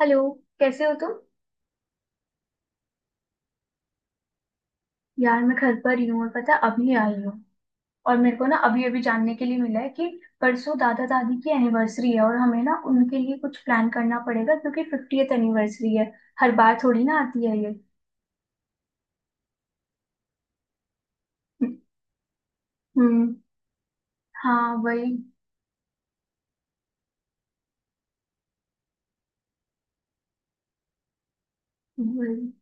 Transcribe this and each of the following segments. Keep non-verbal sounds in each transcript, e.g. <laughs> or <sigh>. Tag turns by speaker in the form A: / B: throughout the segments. A: Hello. कैसे हो तुम। यार मैं घर पर ही हूँ और पता है, अभी आई हूँ। और मेरे को ना अभी अभी जानने के लिए मिला है कि परसों दादा दादी की एनिवर्सरी है और हमें ना उनके लिए कुछ प्लान करना पड़ेगा क्योंकि 50वीं एनिवर्सरी है। हर बार थोड़ी ना आती है ये। हम्म। हाँ वही। वही।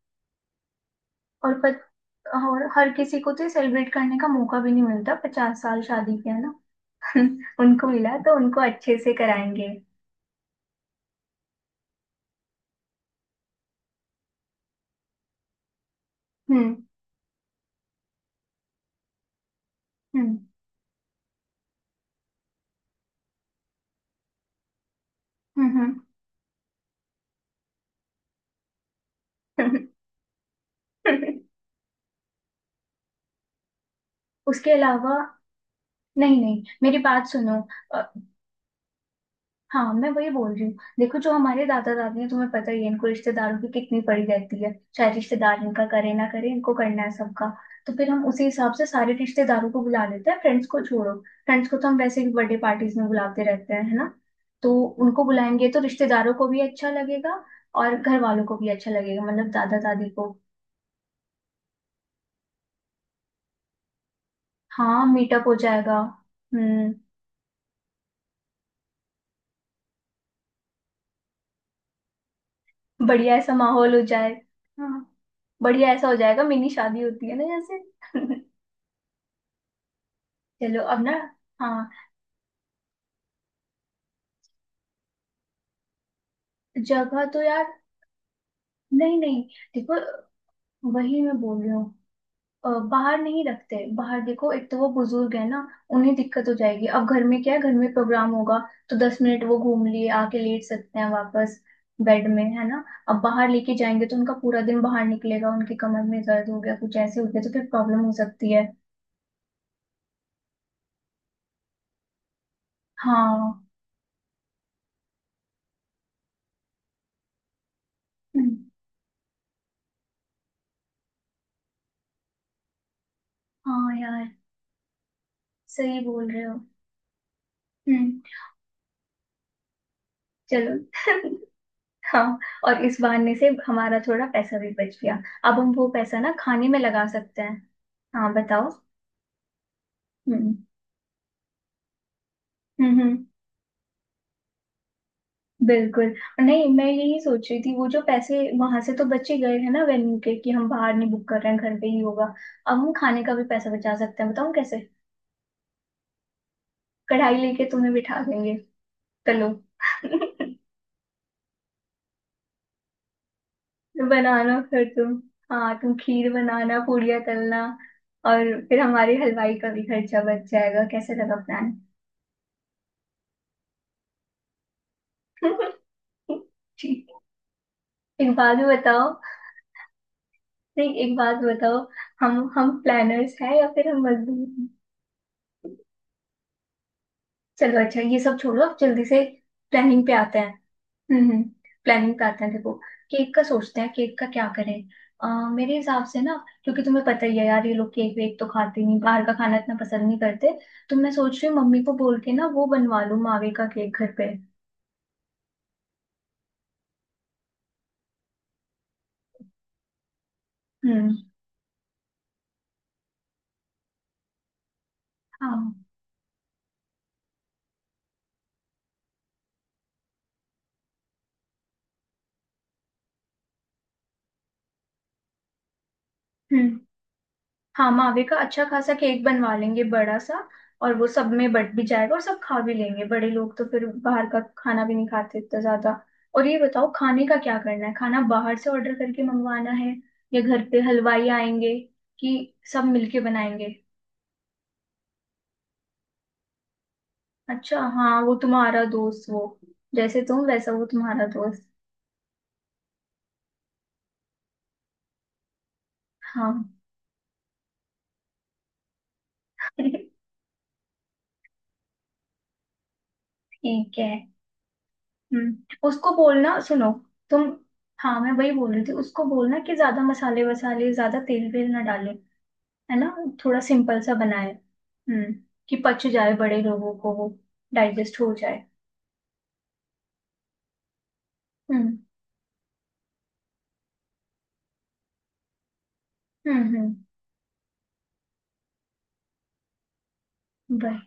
A: और पत, और हर किसी को तो सेलिब्रेट करने का मौका भी नहीं मिलता, 50 साल शादी के, है ना। <laughs> उनको मिला तो उनको अच्छे से कराएंगे। हम्म। हम्म। हम्म। हम्म। <laughs> उसके अलावा। नहीं नहीं मेरी बात सुनो। अ, हाँ मैं वही बोल रही हूँ। देखो जो हमारे दादा दादी हैं तुम्हें पता ही है इनको रिश्तेदारों की कितनी पड़ी रहती है, चाहे रिश्तेदार इनका करे ना करे, इनको करना है सबका। तो फिर हम उसी हिसाब से सारे रिश्तेदारों को बुला लेते हैं, फ्रेंड्स को छोड़ो। फ्रेंड्स को तो हम वैसे भी बर्थडे पार्टीज में बुलाते रहते हैं, है ना। तो उनको बुलाएंगे तो रिश्तेदारों को भी अच्छा लगेगा। और घर वालों को भी अच्छा लगेगा, मतलब दादा दादी को। हाँ मीटअप हो जाएगा। हम्म। बढ़िया ऐसा माहौल हो जाए। हाँ बढ़िया ऐसा हो जाएगा, मिनी शादी होती है ना जैसे। <laughs> चलो अब ना। हाँ जगह तो यार, नहीं नहीं देखो, वही मैं बोल रही हूँ। बाहर नहीं रखते, बाहर देखो, एक तो वो बुजुर्ग है ना। उन्हें दिक्कत हो जाएगी, अब घर में क्या है, घर में प्रोग्राम होगा तो 10 मिनट वो घूम लिए आके लेट सकते हैं वापस बेड में, है ना। अब बाहर लेके जाएंगे तो उनका पूरा दिन बाहर निकलेगा, उनकी कमर में दर्द हो गया कुछ ऐसे हो गया तो फिर प्रॉब्लम हो सकती है। हाँ। हम्म। हाँ यार सही बोल रहे हो। हम्म। चलो। <laughs> हाँ और इस बहाने से हमारा थोड़ा पैसा भी बच गया। अब हम वो पैसा ना खाने में लगा सकते हैं। हाँ बताओ। हम्म। हम्म। हम्म। बिल्कुल। नहीं मैं यही सोच रही थी, वो जो पैसे वहां से तो बच ही गए हैं ना वेन्यू के, कि हम बाहर नहीं बुक कर रहे हैं, घर पे ही होगा। अब हम खाने का भी पैसा बचा सकते हैं, बताओ कैसे। कढ़ाई लेके तुम्हें बिठा देंगे, चलो। <laughs> बनाना फिर तुम। हाँ तुम खीर बनाना, पूड़ियाँ तलना, और फिर हमारे हलवाई का भी खर्चा बच जाएगा, कैसे लगा प्लान। <laughs> ठीक। एक बात भी बताओ, नहीं एक बात बताओ। हम प्लानर्स हैं या फिर हम मजदूर हैं। चलो अच्छा ये सब छोड़ो, अब जल्दी से प्लानिंग पे आते हैं। हम्म। प्लानिंग करते हैं देखो, केक का सोचते हैं, केक का क्या करें। अ, मेरे हिसाब से ना, क्योंकि तुम्हें पता ही है यार ये लोग केक वेक तो खाते नहीं, बाहर का खाना इतना पसंद नहीं करते। तो मैं सोच रही हूँ मम्मी को बोल के ना वो बनवा लूँ मावे का केक घर पे। हम्म। हाँ। हम्म। हाँ मावे का अच्छा खासा केक बनवा लेंगे बड़ा सा। और वो सब में बट भी जाएगा और सब खा भी लेंगे, बड़े लोग तो फिर बाहर का खाना भी नहीं खाते इतना ज्यादा। और ये बताओ, खाने का क्या करना है, खाना बाहर से ऑर्डर करके मंगवाना है या घर पे हलवाई आएंगे कि सब मिलके बनाएंगे। अच्छा हाँ वो तुम्हारा दोस्त वो, जैसे तुम वैसा वो तुम्हारा दोस्त। हाँ। <laughs> ठीक है। उसको बोलना सुनो तुम। हाँ मैं वही बोल रही थी, उसको बोलना कि ज्यादा मसाले वसाले, ज्यादा तेल वेल ना डाले, है ना, थोड़ा सिंपल सा बनाए। हम्म। कि पच जाए बड़े लोगों को, वो डाइजेस्ट हो जाए। हम्म। हम्म। भाई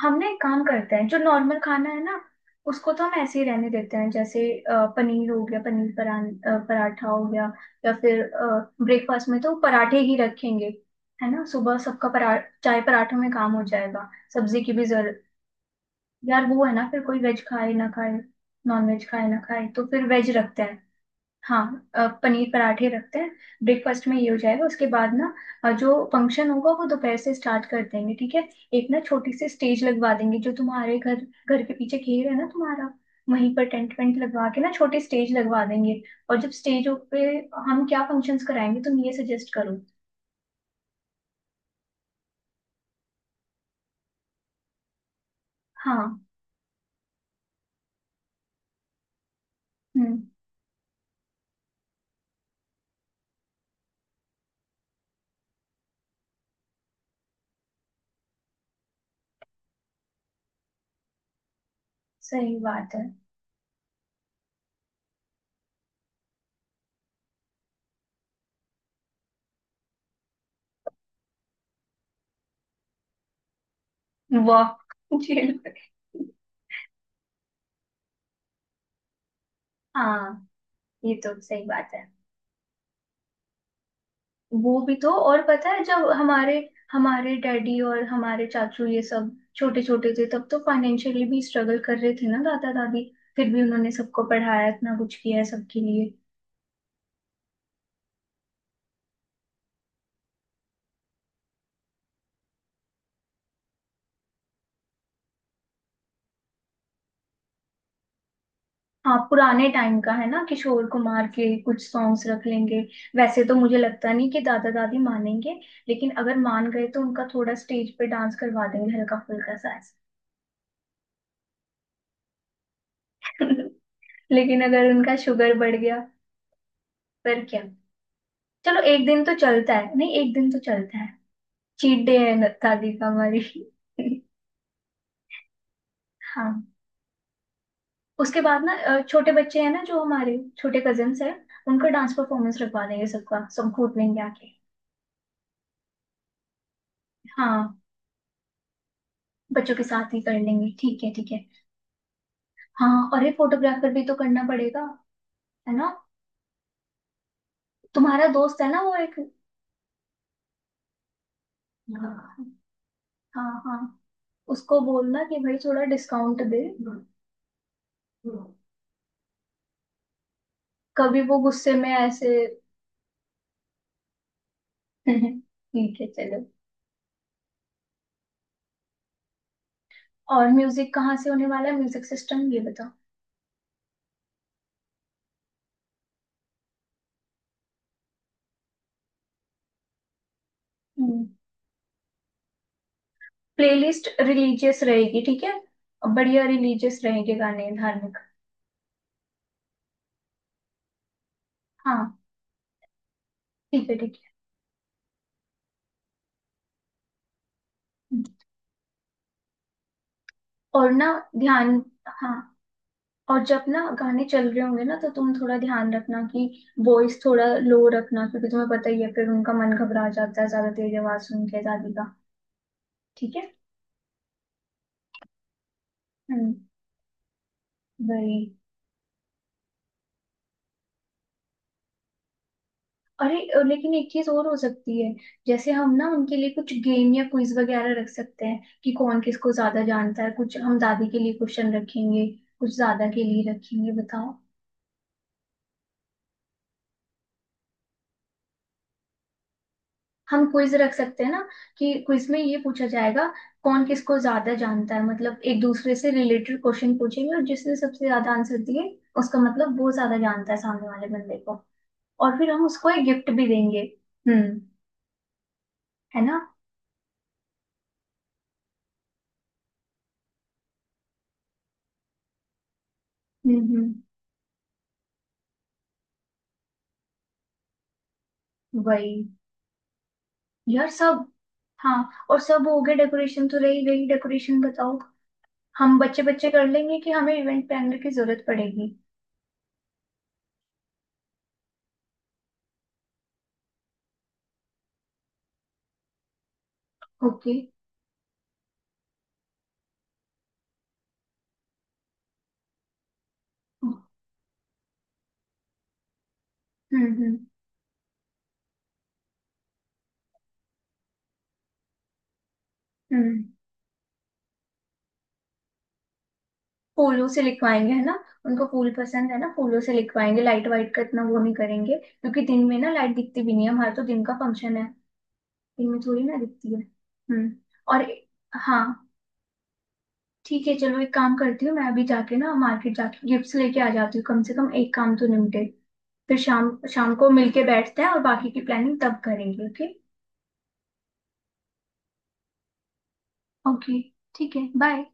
A: हम ना एक काम करते हैं, जो नॉर्मल खाना है ना उसको तो हम ऐसे ही रहने देते हैं, जैसे पनीर हो गया, पराठा हो गया, या फिर ब्रेकफास्ट में तो पराठे ही रखेंगे, है ना। सुबह सबका परा, चाय पराठों में काम हो जाएगा, सब्जी की भी जरूरत। यार वो है ना, फिर कोई वेज खाए ना खाए, नॉन वेज खाए ना खाए, तो फिर वेज रखते हैं। हाँ पनीर पराठे रखते हैं, ब्रेकफास्ट में ये हो जाएगा। उसके बाद ना जो फंक्शन होगा वो दोपहर से स्टार्ट कर देंगे ठीक है। एक ना छोटी सी स्टेज लगवा देंगे, जो तुम्हारे घर, घर के पीछे घेर है ना तुम्हारा, वहीं पर टेंट वेंट लगवा के ना छोटी स्टेज लगवा देंगे। और जब स्टेज पे हम क्या फंक्शंस कराएंगे तुम ये सजेस्ट करो। हाँ। हम्म। सही बात है। वाह। <laughs> जेल पे। हाँ ये तो सही बात है। वो भी तो, और पता है जब हमारे हमारे डैडी और हमारे चाचू ये सब छोटे छोटे थे, तब तो फाइनेंशियली भी स्ट्रगल कर रहे थे ना दादा दादी। फिर भी उन्होंने सबको पढ़ाया, इतना कुछ किया है सबके लिए। हाँ पुराने टाइम का है ना, किशोर कुमार के कुछ सॉन्ग्स रख लेंगे। वैसे तो मुझे लगता नहीं कि दादा दादी मानेंगे, लेकिन अगर मान गए तो उनका थोड़ा स्टेज पे डांस करवा देंगे हल्का फुल्का सा ऐसा। <laughs> लेकिन अगर उनका शुगर बढ़ गया फिर क्या। चलो एक दिन तो चलता है, नहीं एक दिन तो चलता है, चीट डे है दादी का हमारी। हाँ उसके बाद ना छोटे बच्चे हैं ना जो हमारे छोटे कजिन्स हैं, उनका डांस परफॉर्मेंस रखवा देंगे, सबका सब कूद लेंगे आके। हाँ बच्चों के साथ ही कर लेंगे, ठीक है ठीक है। हाँ और एक फोटोग्राफर भी तो करना पड़ेगा, है ना। तुम्हारा दोस्त है ना वो एक। हाँ हाँ। हाँ। उसको बोलना कि भाई थोड़ा डिस्काउंट दे, कभी वो गुस्से में ऐसे। <laughs> ठीक है चलो। और म्यूजिक कहाँ से होने वाला है, म्यूजिक सिस्टम ये बताओ। हम्म। प्लेलिस्ट रिलीजियस रहेगी ठीक है, बढ़िया रिलीजियस रहेंगे गाने धार्मिक। हाँ ठीक है ठीक है। और ना ध्यान, हाँ और जब ना गाने चल रहे होंगे ना तो तुम थोड़ा ध्यान रखना कि वॉइस थोड़ा लो रखना, क्योंकि तुम्हें पता ही है फिर उनका मन घबरा जाता है ज्यादा तेज आवाज सुन के, दादी का। ठीक है। हम्म। वही। अरे लेकिन एक चीज और हो सकती है, जैसे हम ना उनके लिए कुछ गेम या क्विज वगैरह रख सकते हैं कि कौन किसको ज्यादा जानता है, कुछ हम दादी के लिए क्वेश्चन रखेंगे, कुछ दादा के लिए रखेंगे, बताओ। हम क्विज रख सकते हैं ना, कि क्विज में ये पूछा जाएगा कौन किसको ज्यादा जानता है, मतलब एक दूसरे से रिलेटेड क्वेश्चन पूछेंगे और जिसने सबसे ज्यादा आंसर दिए उसका मतलब वो ज्यादा जानता है सामने वाले बंदे को, और फिर हम उसको एक गिफ्ट भी देंगे। हम्म। है ना। हम्म। हम्म। वही। यार सब, हाँ और सब हो गया, डेकोरेशन तो रही गई, डेकोरेशन बताओ। हम बच्चे बच्चे कर लेंगे कि हमें इवेंट प्लानर की जरूरत पड़ेगी। ओके। हम्म। हम्म। हम्म। फूलों से लिखवाएंगे है ना, उनको फूल पसंद है ना, फूलों से लिखवाएंगे। लाइट वाइट का इतना वो नहीं करेंगे क्योंकि दिन में ना लाइट दिखती भी नहीं है, हमारा तो दिन का फंक्शन है, दिन में थोड़ी ना दिखती है। हम्म। और हाँ ठीक है चलो, एक काम करती हूँ मैं अभी जाके ना मार्केट जाके गिफ्ट्स लेके आ जाती हूँ, कम से कम एक काम तो निपटे। फिर शाम शाम को मिलके बैठते हैं और बाकी की प्लानिंग तब करेंगे, ओके। ओके ठीक है बाय।